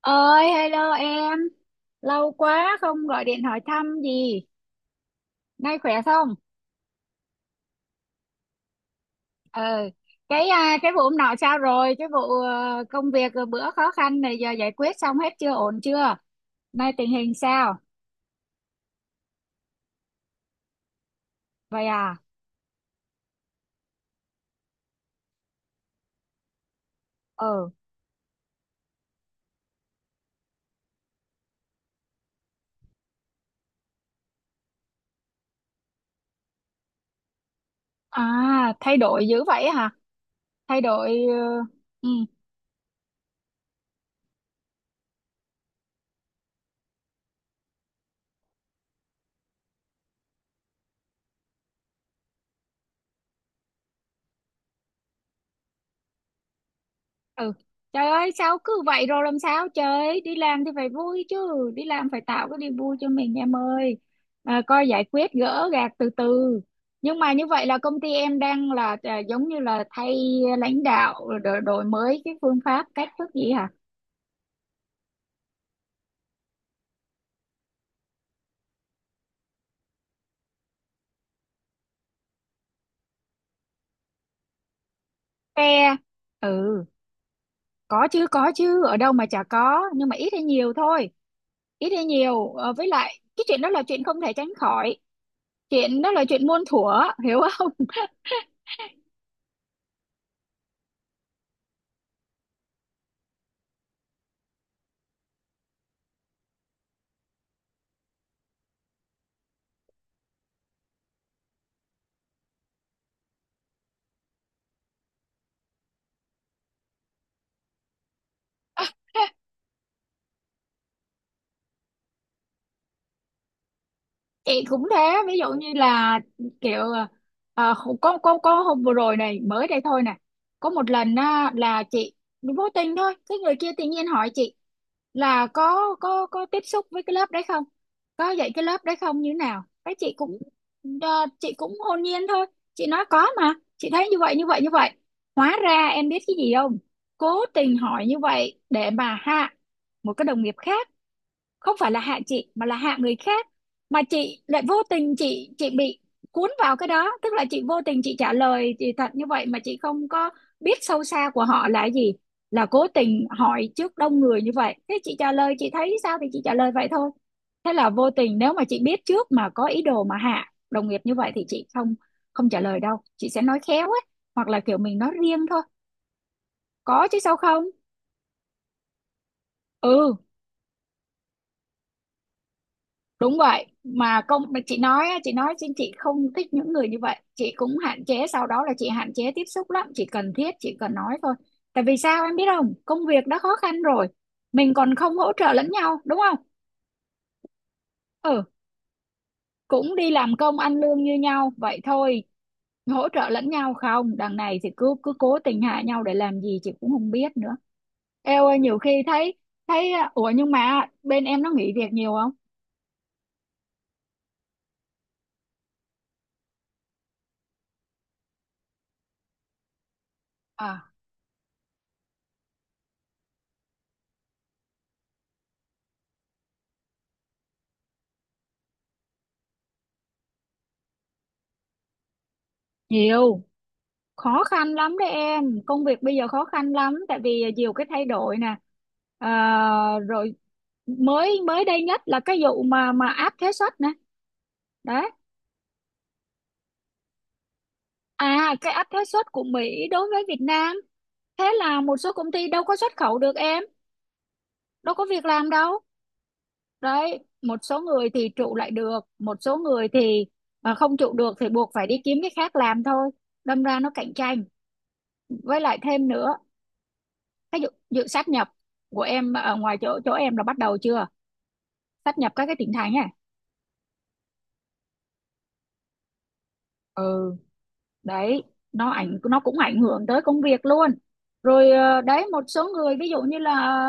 Ơi, hello em, lâu quá không gọi điện hỏi thăm gì. Nay khỏe không? ờ cái vụ hôm nọ sao rồi? Cái vụ công việc bữa khó khăn này giờ giải quyết xong hết chưa, ổn chưa? Nay tình hình sao? Vậy à. ờ Thay đổi dữ vậy hả? Thay đổi ừ. Ừ, trời ơi sao cứ vậy, rồi làm sao trời, đi làm thì phải vui chứ, đi làm phải tạo cái niềm vui cho mình em ơi. Coi giải quyết gỡ gạc từ từ. Nhưng mà như vậy là công ty em đang là giống như là thay lãnh đạo, đổi, đổi mới cái phương pháp cách thức gì hả? Phe. Ừ. Có chứ, có chứ, ở đâu mà chả có, nhưng mà ít hay nhiều thôi. Ít hay nhiều. Ờ, với lại cái chuyện đó là chuyện không thể tránh khỏi, chuyện đó là chuyện muôn thuở, hiểu không? Chị cũng thế. Ví dụ như là kiểu à, có hôm vừa rồi này, mới đây thôi nè, có một lần á, là chị vô tình thôi, cái người kia tự nhiên hỏi chị là có tiếp xúc với cái lớp đấy không, có dạy cái lớp đấy không, như thế nào. Cái chị cũng à, chị cũng hồn nhiên thôi, chị nói có, mà chị thấy như vậy như vậy như vậy. Hóa ra em biết cái gì không, cố tình hỏi như vậy để mà hạ một cái đồng nghiệp khác, không phải là hạ chị mà là hạ người khác. Mà chị lại vô tình, chị bị cuốn vào cái đó, tức là chị vô tình chị trả lời thì thật như vậy, mà chị không có biết sâu xa của họ là gì, là cố tình hỏi trước đông người như vậy. Thế chị trả lời, chị thấy sao thì chị trả lời vậy thôi. Thế là vô tình, nếu mà chị biết trước mà có ý đồ mà hạ đồng nghiệp như vậy thì chị không, không trả lời đâu, chị sẽ nói khéo ấy, hoặc là kiểu mình nói riêng thôi. Có chứ sao không. Ừ, đúng vậy. Mà công mà chị nói á, chị nói xin, chị không thích những người như vậy, chị cũng hạn chế, sau đó là chị hạn chế tiếp xúc lắm, chỉ cần thiết chỉ cần nói thôi. Tại vì sao em biết không, công việc đã khó khăn rồi, mình còn không hỗ trợ lẫn nhau đúng không. Ừ, cũng đi làm công ăn lương như nhau vậy thôi, hỗ trợ lẫn nhau không, đằng này thì cứ cứ cố tình hạ nhau để làm gì chị cũng không biết nữa. Eo ơi, nhiều khi thấy, thấy ủa, nhưng mà bên em nó nghỉ việc nhiều không? À, nhiều. Khó khăn lắm đấy em, công việc bây giờ khó khăn lắm, tại vì nhiều cái thay đổi nè. Rồi mới mới đây nhất là cái vụ mà áp thuế suất nè. Đấy. À, cái áp thuế suất của Mỹ đối với Việt Nam, thế là một số công ty đâu có xuất khẩu được em, đâu có việc làm đâu. Đấy, một số người thì trụ lại được, một số người thì không trụ được thì buộc phải đi kiếm cái khác làm thôi, đâm ra nó cạnh tranh. Với lại thêm nữa, cái dự sát nhập của em ở ngoài chỗ chỗ em là bắt đầu chưa, sáp nhập các cái tỉnh thành ấy. Ừ, đấy, nó nó cũng ảnh hưởng tới công việc luôn. Rồi đấy, một số người ví dụ như là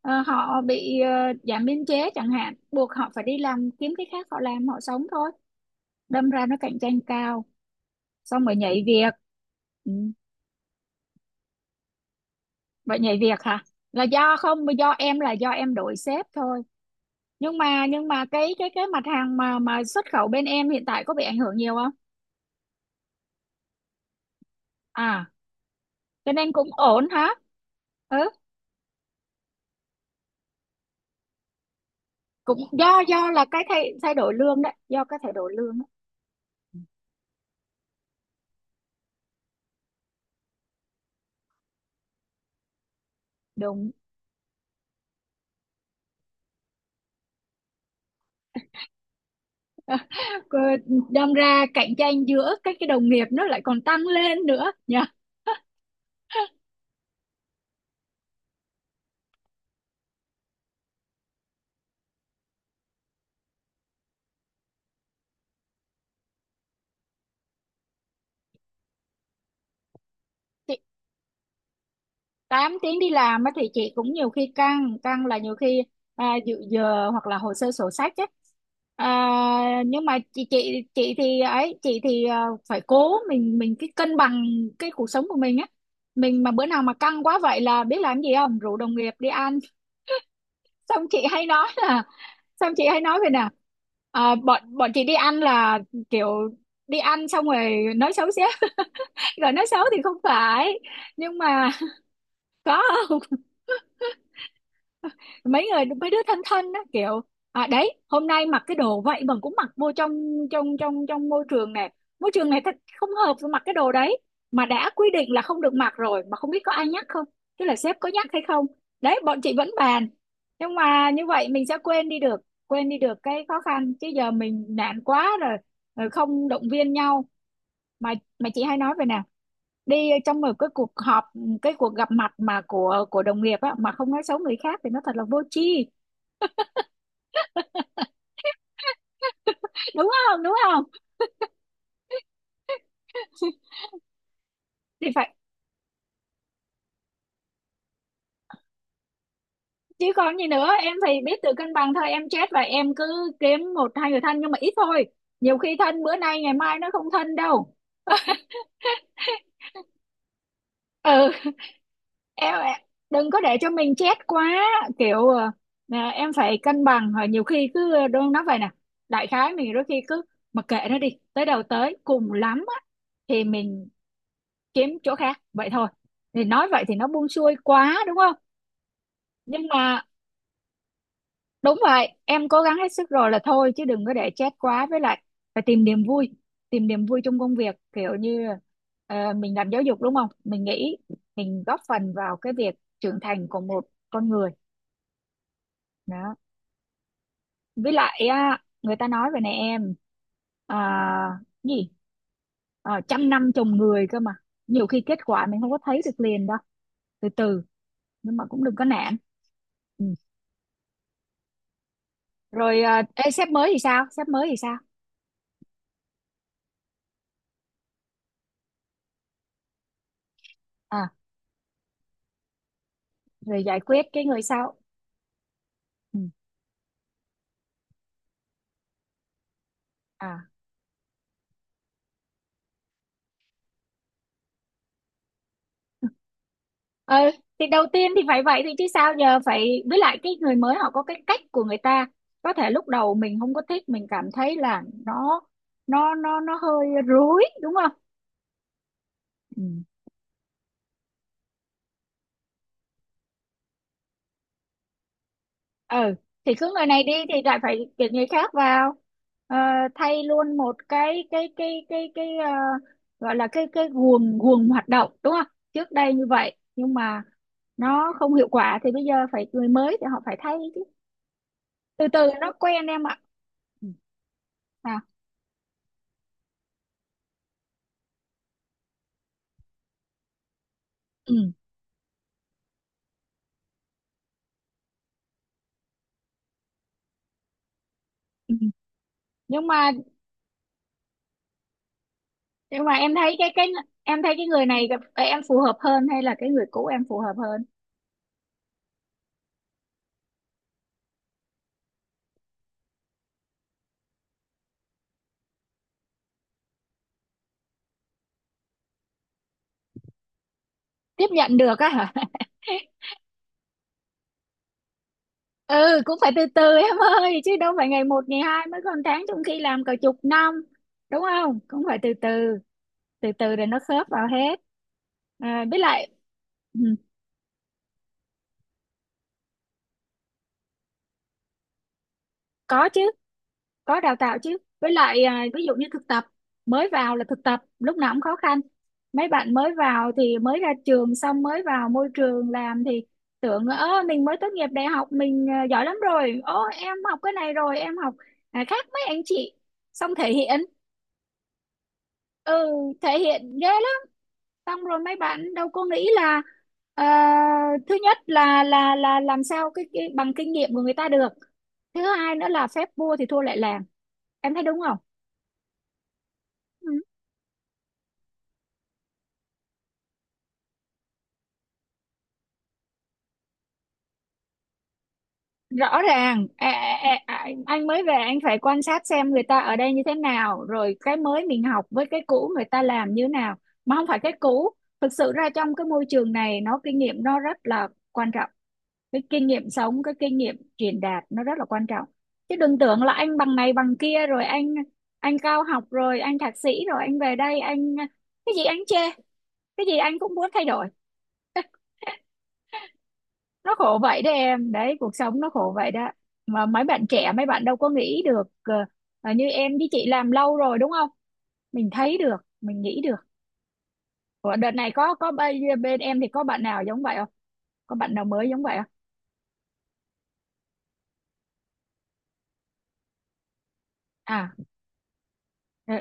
họ bị giảm biên chế chẳng hạn, buộc họ phải đi làm kiếm cái khác họ làm họ sống thôi. Đâm ra nó cạnh tranh cao, xong rồi nhảy việc. Ừ. Vậy nhảy việc hả, là do không, do em, là do em đổi sếp thôi. Nhưng mà, nhưng mà cái cái mặt hàng mà xuất khẩu bên em hiện tại có bị ảnh hưởng nhiều không? À, cho nên cũng ổn hả. Ừ, cũng do là cái thay thay đổi lương đấy, do cái thay đổi lương đó. Đúng. Cô- đâm ra cạnh tranh giữa các cái đồng nghiệp nó lại còn tăng lên nữa nha. Chị 8 tiếng đi làm á thì chị cũng nhiều khi căng, căng là nhiều khi dự giờ hoặc là hồ sơ sổ sách ấy, nhưng mà chị thì ấy, chị thì phải cố mình cái cân bằng cái cuộc sống của mình á. Mình mà bữa nào mà căng quá vậy là biết làm gì không, rủ đồng nghiệp đi ăn. Xong chị hay nói là, xong chị hay nói vậy nè, bọn bọn chị đi ăn là kiểu đi ăn xong rồi nói xấu xí. Rồi nói xấu thì không phải, nhưng mà có không? Mấy người mấy đứa thân thân đó kiểu à, đấy hôm nay mặc cái đồ vậy mà cũng mặc vô trong, trong môi trường này, môi trường này thật không hợp với mặc cái đồ đấy, mà đã quy định là không được mặc rồi, mà không biết có ai nhắc không, tức là sếp có nhắc hay không. Đấy, bọn chị vẫn bàn, nhưng mà như vậy mình sẽ quên đi được, quên đi được cái khó khăn, chứ giờ mình nản quá rồi, rồi không động viên nhau. Mà chị hay nói về nè, đi trong một cái cuộc họp, cái cuộc gặp mặt mà của đồng nghiệp á mà không nói xấu người khác thì nó thật là vô tri, đúng không, đúng không? Thì phải chứ, còn gì nữa. Em thì biết tự cân bằng thôi em, chết, và em cứ kiếm một hai người thân, nhưng mà ít thôi, nhiều khi thân bữa nay ngày mai nó không thân đâu. Ừ, em- đừng có để cho mình chết quá, kiểu em phải cân bằng. Rồi nhiều khi cứ đôi nói vậy nè, đại khái mình đôi khi cứ mặc kệ nó, đi tới đâu tới, cùng lắm á thì mình kiếm chỗ khác vậy thôi. Thì nói vậy thì nó buông xuôi quá đúng không, nhưng mà đúng vậy. Em cố gắng hết sức rồi là thôi, chứ đừng có để chết quá, với lại phải tìm niềm vui, tìm niềm vui trong công việc. Kiểu như mình làm giáo dục đúng không, mình nghĩ mình góp phần vào cái việc trưởng thành của một con người, đó. Với lại á, người ta nói về này em, à, gì Ờ, trăm năm trồng người cơ mà, nhiều khi kết quả mình không có thấy được liền đâu, từ từ, nhưng mà cũng đừng có nản. Ừ. Rồi ê, sếp mới thì sao, sếp mới thì sao? À, rồi giải quyết cái người sau. Ừ. À. Ờ, thì đầu tiên thì phải vậy thì chứ sao giờ, phải, với lại cái người mới họ có cái cách của người ta, có thể lúc đầu mình không có thích, mình cảm thấy là nó nó hơi rối đúng không. Ừ. Ừ, thì cứ người này đi thì lại phải tuyển người khác vào. Ờ, thay luôn một cái cái gọi là cái guồng guồng hoạt động đúng không. Trước đây như vậy, nhưng mà nó không hiệu quả thì bây giờ phải người mới thì họ phải thay chứ. Từ từ nó quen em ạ. Ừ. À, ừ. Ừ. nhưng mà nhưng mà em thấy cái em thấy cái người này gặp- em phù hợp hơn hay là cái người cũ em phù hợp hơn? Tiếp nhận được á hả. Ừ, cũng phải từ từ em ơi, chứ đâu phải ngày một ngày hai, mới còn tháng trong khi làm cả chục năm, đúng không, cũng phải từ từ, từ từ rồi nó khớp vào hết. À, với lại ừ, có chứ, có đào tạo chứ, với lại ví dụ như thực tập, mới vào là thực tập lúc nào cũng khó khăn. Mấy bạn mới vào thì mới ra trường xong mới vào môi trường làm thì tưởng, ơ mình mới tốt nghiệp đại học mình giỏi lắm rồi, ô em học cái này rồi em học khác mấy anh chị, xong thể hiện. Ừ, thể hiện ghê lắm. Xong rồi mấy bạn đâu có nghĩ là ờ, thứ nhất là là làm sao cái bằng kinh nghiệm của người ta được. Thứ hai nữa là phép vua thì thua lại làng, em thấy đúng không. Ừ. Rõ ràng anh mới về anh phải quan sát xem người ta ở đây như thế nào, rồi cái mới mình học với cái cũ người ta làm như thế nào, mà không phải cái cũ. Thực sự ra trong cái môi trường này nó kinh nghiệm nó rất là quan trọng, cái kinh nghiệm sống, cái kinh nghiệm truyền đạt nó rất là quan trọng, chứ đừng tưởng là anh bằng này bằng kia rồi anh cao học rồi anh thạc sĩ rồi anh về đây anh cái gì anh chê, cái gì anh cũng muốn thay đổi. Nó khổ vậy đấy em, đấy cuộc sống nó khổ vậy đó, mà mấy bạn trẻ mấy bạn đâu có nghĩ được. Ờ, Như em với chị làm lâu rồi đúng không, mình thấy được, mình nghĩ được. Ủa, đợt này có bên, bên em thì có bạn nào giống vậy không, có bạn nào mới giống vậy không? À. Ờ.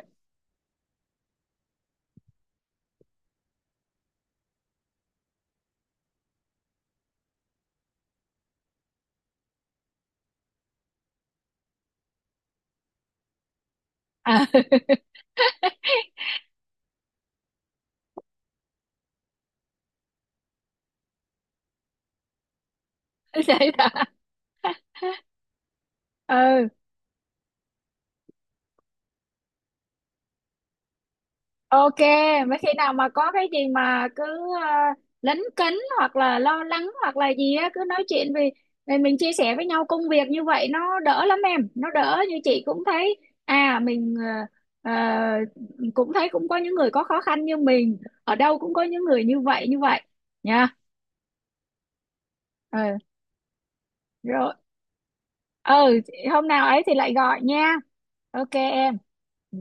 À. Đấy đó. Ừ. Ok, mấy khi nào mà có cái gì mà cứ lấn cấn hoặc là lo lắng hoặc là gì á cứ nói chuyện, vì vì mình chia sẻ với nhau công việc như vậy nó đỡ lắm em, nó đỡ, như chị cũng thấy mình ờ, ờ, cũng thấy, cũng có những người có khó khăn như mình, ở đâu cũng có những người như vậy nha. Ừ, rồi. Ừ, hôm nào ấy thì lại gọi nha. Ok em. Ừ.